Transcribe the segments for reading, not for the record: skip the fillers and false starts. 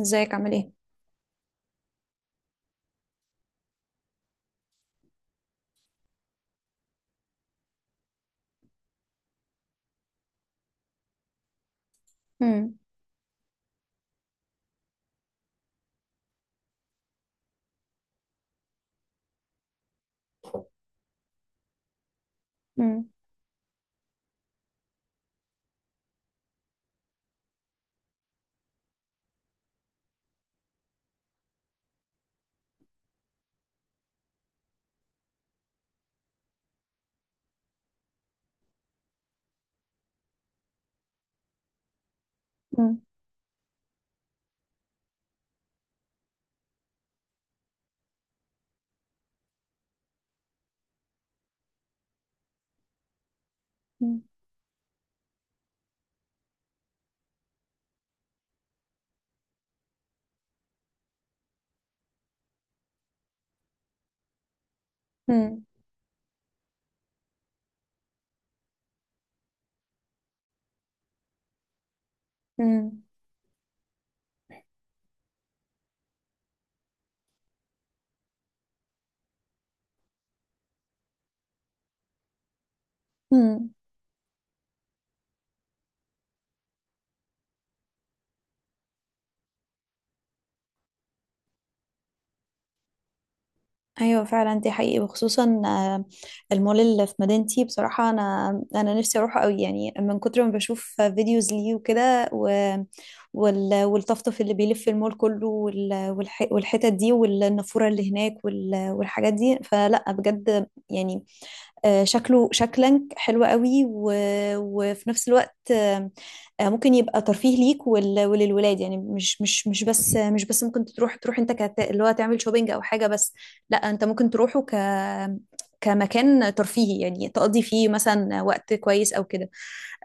ازيك عامل ايه؟ مم. مم. مم. مم. مم. مم. مم. ايوه فعلا، دي حقيقي وخصوصا المول اللي في مدينتي بصراحه، انا نفسي اروحه قوي يعني من كتر ما بشوف فيديوز ليه وكده والطفطف اللي بيلف المول كله والحتت دي والنافوره اللي هناك والحاجات دي، فلا بجد يعني. شكله شكلا حلو قوي وفي نفس الوقت ممكن يبقى ترفيه ليك وللولاد، يعني مش بس ممكن تروح انت اللي هو تعمل شوبينج او حاجه بس، لا انت ممكن تروحه ك كمكان ترفيهي، يعني تقضي فيه مثلا وقت كويس او كده.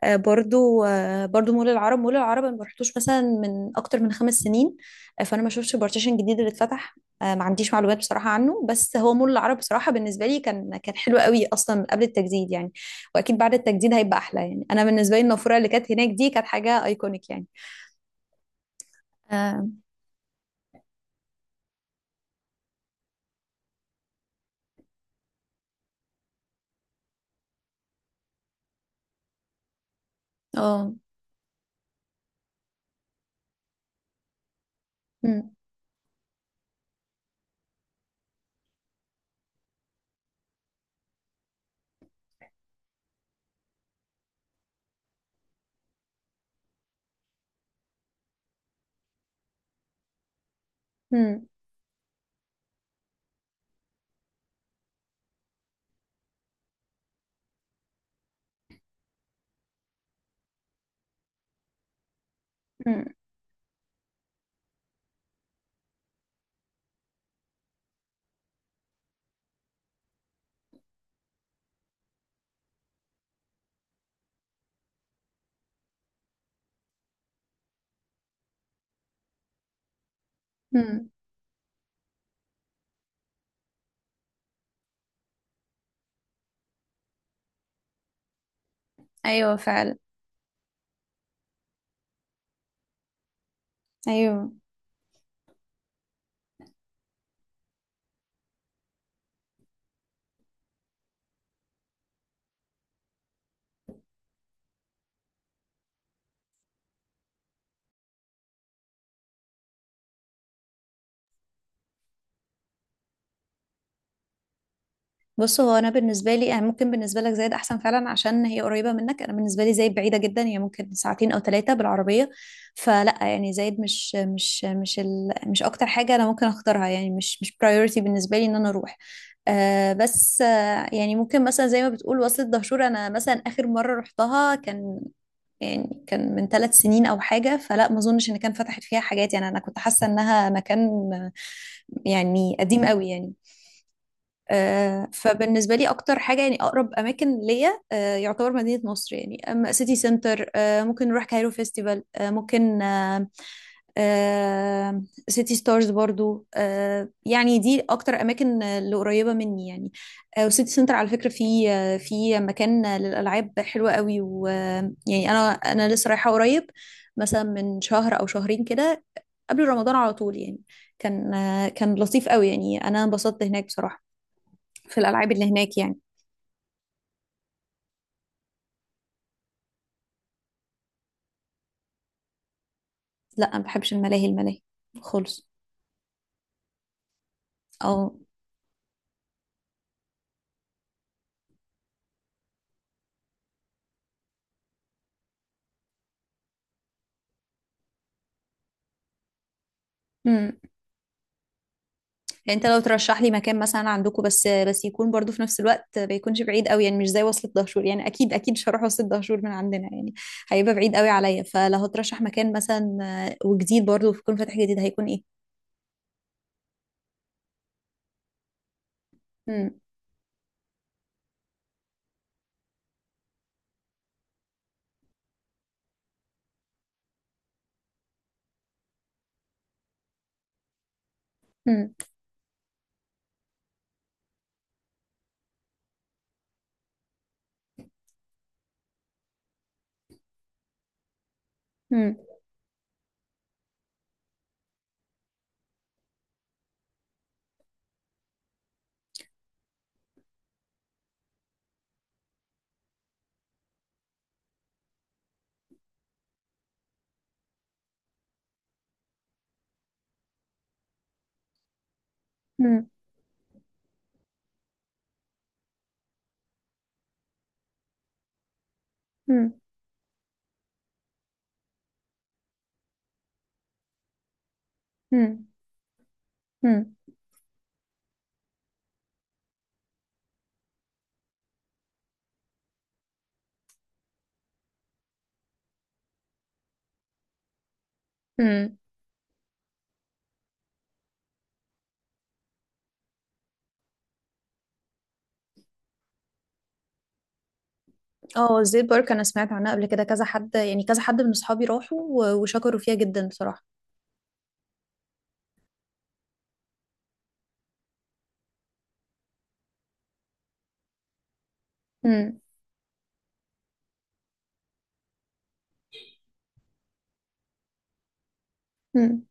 برضو برضو مول العرب أنا ما رحتوش مثلا من اكتر من خمس سنين، فانا ما شفتش البارتيشن الجديد اللي اتفتح. ما عنديش معلومات بصراحة عنه، بس هو مول العرب بصراحة بالنسبة لي كان حلو قوي أصلا من قبل التجديد يعني، وأكيد بعد التجديد هيبقى أحلى. يعني أنا بالنسبة لي النافورة اللي كانت هناك دي كانت حاجة أيكونيك يعني. اه. آه. مم. مم. مم. مم. أيوه فعلا. أيوه. بص، هو انا بالنسبه لي يعني ممكن بالنسبه لك زايد احسن فعلا عشان هي قريبه منك، انا بالنسبه لي زايد بعيده جدا، هي ممكن ساعتين او ثلاثه بالعربيه، فلا يعني زايد مش اكتر حاجه انا ممكن اختارها، يعني مش برايورتي بالنسبه لي ان انا اروح. بس يعني ممكن مثلا زي ما بتقول وصلة دهشور، انا مثلا اخر مره رحتها كان يعني كان من ثلاث سنين او حاجه، فلا ما اظنش ان كان فتحت فيها حاجات، يعني انا كنت حاسه انها مكان آه، يعني قديم قوي يعني. فبالنسبة لي أكتر حاجة يعني أقرب أماكن ليا يعتبر مدينة نصر، يعني أما سيتي سنتر ممكن نروح كايرو فيستيفال، آه، ممكن آه، آه، سيتي ستارز برضو، يعني دي أكتر أماكن اللي قريبة مني يعني. وسيتي سنتر على فكرة في في مكان للألعاب حلوة قوي، ويعني أنا لسه رايحة قريب، مثلا من شهر أو شهرين كده، قبل رمضان على طول يعني. كان كان لطيف قوي، يعني أنا انبسطت هناك بصراحة، في الالعاب اللي هناك يعني. لا ما بحبش الملاهي خالص. او. امم. انت لو ترشح لي مكان مثلا عندكم، بس يكون برضو في نفس الوقت ما يكونش بعيد قوي، يعني مش زي وصلة دهشور، يعني اكيد مش هروح وصلة دهشور من عندنا يعني، هيبقى بعيد قوي عليا. فلو هترشح مكان مثلا وجديد برضو يكون فاتح جديد، هيكون ايه؟ امم. امم. امم. امم. امم. امم. امم. امم. اه، زيت بارك انا سمعت عنها قبل كده كذا حد، يعني كذا حد من اصحابي راحوا وشكروا فيها جدا بصراحة. امم.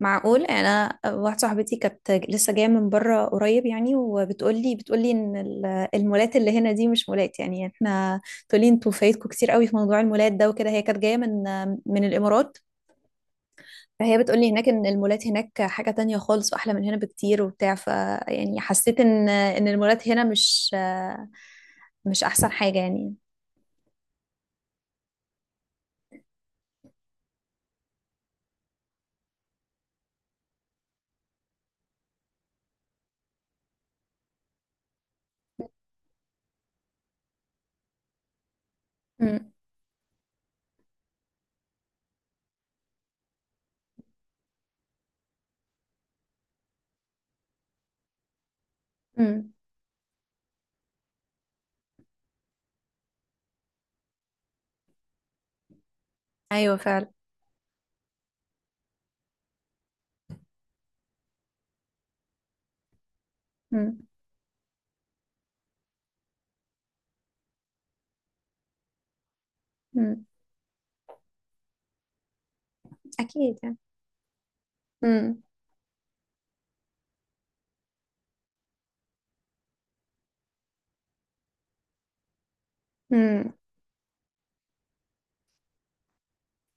معقول؟ انا واحده صاحبتي كانت لسه جايه من بره قريب يعني، وبتقولي ان المولات اللي هنا دي مش مولات يعني، احنا تقولي انتوا فايتكم كتير قوي في موضوع المولات ده وكده. هي كانت جايه من الامارات، فهي بتقولي هناك ان المولات هناك حاجه تانية خالص واحلى من هنا بكتير وبتاع. ف يعني حسيت ان المولات هنا مش احسن حاجه يعني. امم. امم. ايوه فعلا. امم. امم. اكيد يعني. امم.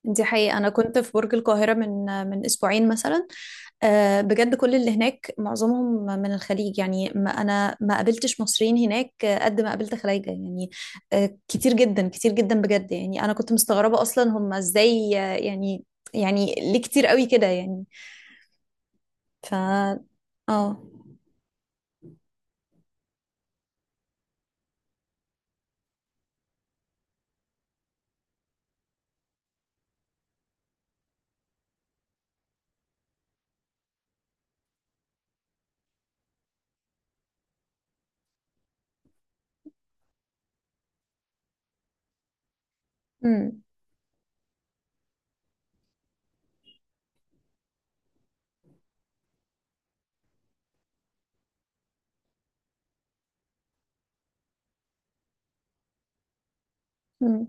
دي حقيقة، أنا كنت في برج القاهرة من أسبوعين مثلا. بجد كل اللي هناك معظمهم من الخليج، يعني ما أنا ما قابلتش مصريين هناك قد ما قابلت خلايجة يعني، كتير جدا كتير جدا بجد يعني، أنا كنت مستغربة أصلا هم إزاي يعني ليه كتير قوي كده يعني؟ ف اه أمم. أمم.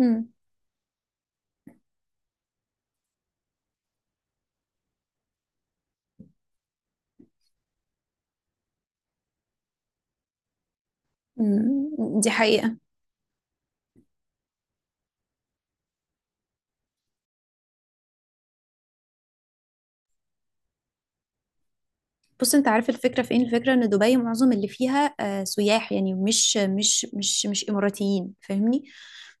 أمم. أمم. دي حقيقة. بص، انت عارف الفكره فين؟ الفكره ان دبي معظم اللي فيها سياح يعني، مش اماراتيين، فاهمني؟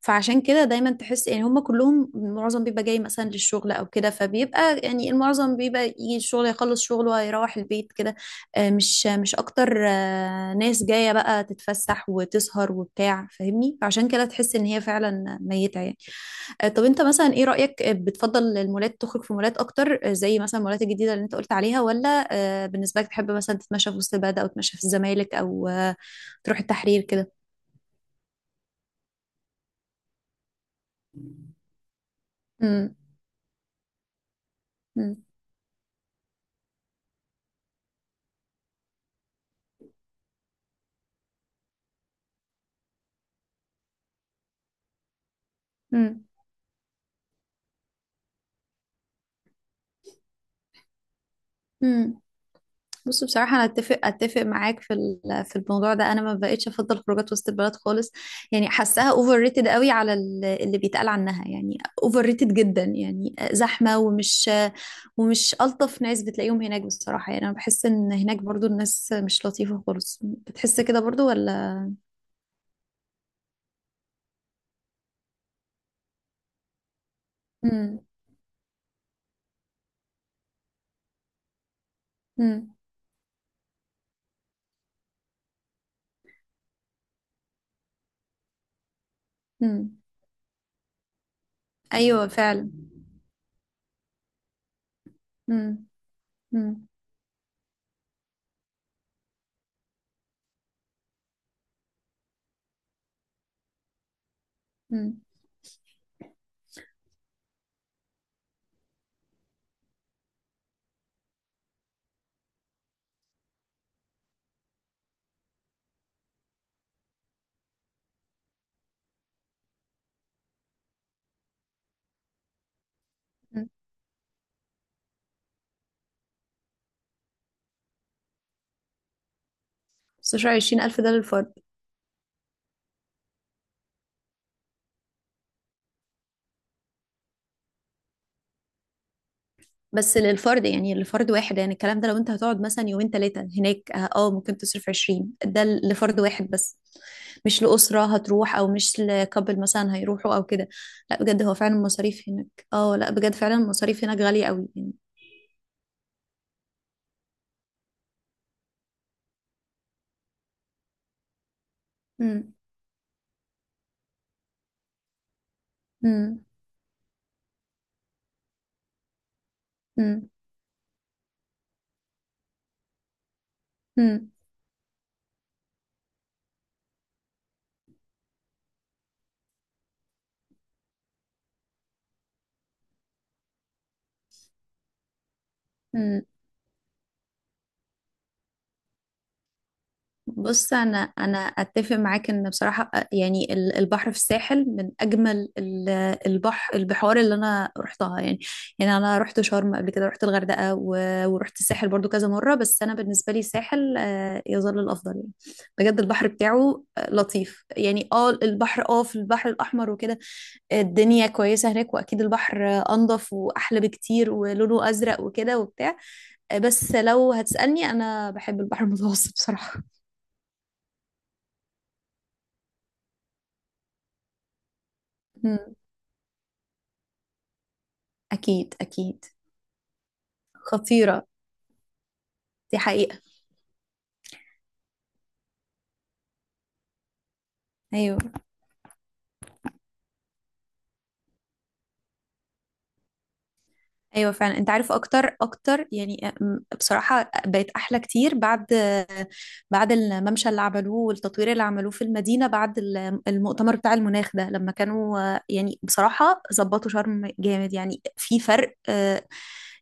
فعشان كده دايما تحس يعني هم كلهم معظم بيبقى جاي مثلا للشغل او كده، فبيبقى يعني المعظم بيبقى يجي الشغل يخلص شغله ويروح البيت كده، مش اكتر ناس جايه بقى تتفسح وتسهر وبتاع فاهمني، فعشان كده تحس ان هي فعلا ميته يعني. طب انت مثلا ايه رأيك؟ بتفضل المولات، تخرج في مولات اكتر زي مثلا المولات الجديدة اللي انت قلت عليها، ولا بالنسبة لك تحب مثلا تتمشى في وسط البلد، او تتمشى في الزمالك، او تروح التحرير كده؟ امم. امم. امم. بص، بصراحة أنا أتفق معاك في في الموضوع ده، أنا ما بقتش أفضل خروجات وسط البلد خالص، يعني حاساها أوفر ريتد قوي على اللي بيتقال عنها يعني، أوفر ريتد جدا، يعني زحمة، ومش ألطف ناس بتلاقيهم هناك بصراحة، يعني أنا بحس إن هناك برضو الناس مش لطيفة خالص. بتحس كده برضو ولا؟ مم. مم. مم. أيوة فعلا. مم. مم. مم. مم. 16,000 ده للفرد؟ بس للفرد يعني، لفرد واحد يعني الكلام ده، لو انت هتقعد مثلا يومين ثلاثة هناك، ممكن تصرف 20، ده لفرد واحد بس، مش لأسرة هتروح، او مش لكابل مثلا هيروحوا او كده. لا بجد هو فعلا المصاريف هناك، لا بجد فعلا المصاريف هناك غالية قوي يعني. امم. امم. امم. بص انا، اتفق معاك ان بصراحه يعني البحر في الساحل من اجمل البحر، البحار اللي انا رحتها يعني. يعني انا رحت شرم قبل كده، رحت الغردقه ورحت الساحل برضو كذا مره، بس انا بالنسبه لي الساحل يظل الافضل يعني، بجد البحر بتاعه لطيف يعني. اه البحر اه في البحر الاحمر وكده الدنيا كويسه هناك، واكيد البحر انضف واحلى بكتير ولونه ازرق وكده وبتاع، بس لو هتسالني انا بحب البحر المتوسط بصراحه. اكيد اكيد. خطيره. دي حقيقه. ايوه. ايوه فعلا، انت عارف اكتر يعني بصراحه بقت احلى كتير بعد الممشى اللي عملوه والتطوير اللي عملوه في المدينة بعد المؤتمر بتاع المناخ ده، لما كانوا يعني بصراحة ظبطوا شرم جامد يعني، في فرق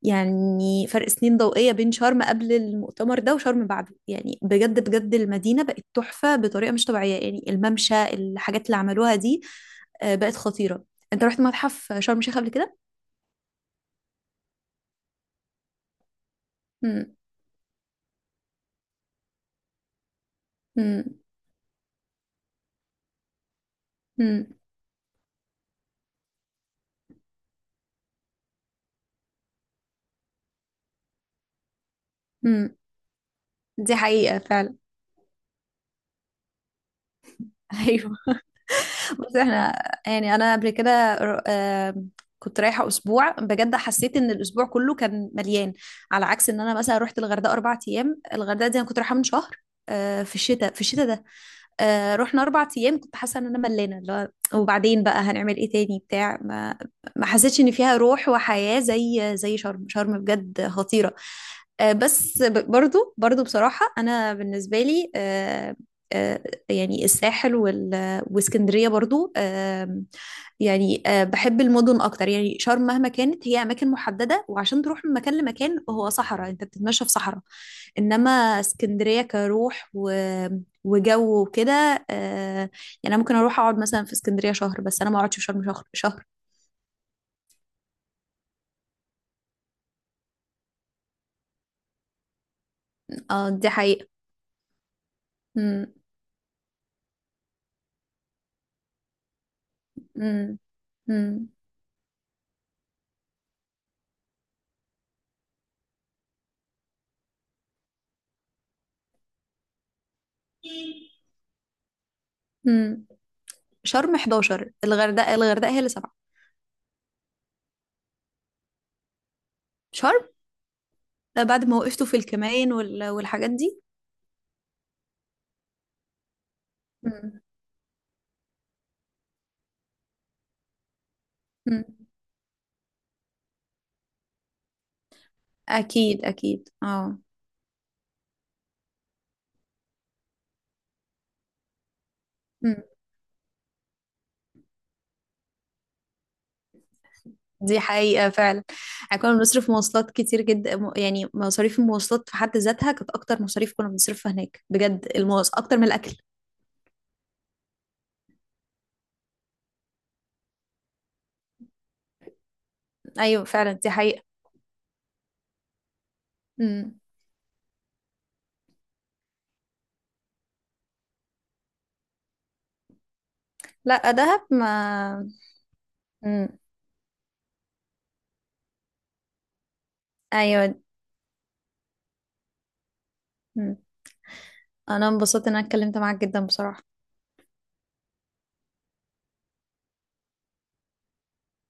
يعني فرق سنين ضوئية بين شرم قبل المؤتمر ده وشرم بعده يعني، بجد بجد المدينة بقت تحفة بطريقة مش طبيعية، يعني الممشى الحاجات اللي عملوها دي بقت خطيرة. انت رحت متحف شرم الشيخ قبل كده؟ مم. مم. مم. مم. دي حقيقة فعلا. ايوه، بس احنا يعني انا قبل كده ر- آم، كنت رايحة أسبوع، بجد حسيت إن الأسبوع كله كان مليان، على عكس إن أنا مثلا رحت الغردقة أربع أيام، الغردقة دي أنا كنت رايحة من شهر، في الشتاء ده. رحنا أربع أيام، كنت حاسة إن أنا ملانة، اللي هو وبعدين بقى هنعمل إيه تاني بتاع ما، ما حسيتش إن فيها روح وحياة زي شرم. بجد خطيرة. بس برضو بصراحة أنا بالنسبة لي آه، يعني الساحل واسكندرية برضو يعني بحب المدن اكتر، يعني شرم مهما كانت هي اماكن محددة، وعشان تروح من مكان لمكان هو صحراء، انت بتتمشى في صحراء، انما اسكندرية كروح وجو وكده يعني انا ممكن اروح اقعد مثلا في اسكندرية شهر، بس انا ما اقعدش في شرم شهر. اه دي حقيقة. مم. مم. مم. مم. شرم 11، الغردقة هي اللي سبعة. شرم لا، بعد ما وقفتوا في الكمائن والحاجات دي. مم. مم. اكيد اكيد اه. مم. دي حقيقة فعلا. احنا كنا بنصرف مواصلات كتير جدا، يعني مصاريف المواصلات في حد ذاتها كانت اكتر مصاريف كنا بنصرفها هناك، بجد المواص اكتر من الاكل. ايوه فعلا دي حقيقة. مم. لا دهب ما. مم. ايوه. مم. انا انبسطت ان انا اتكلمت معاك جدا بصراحة.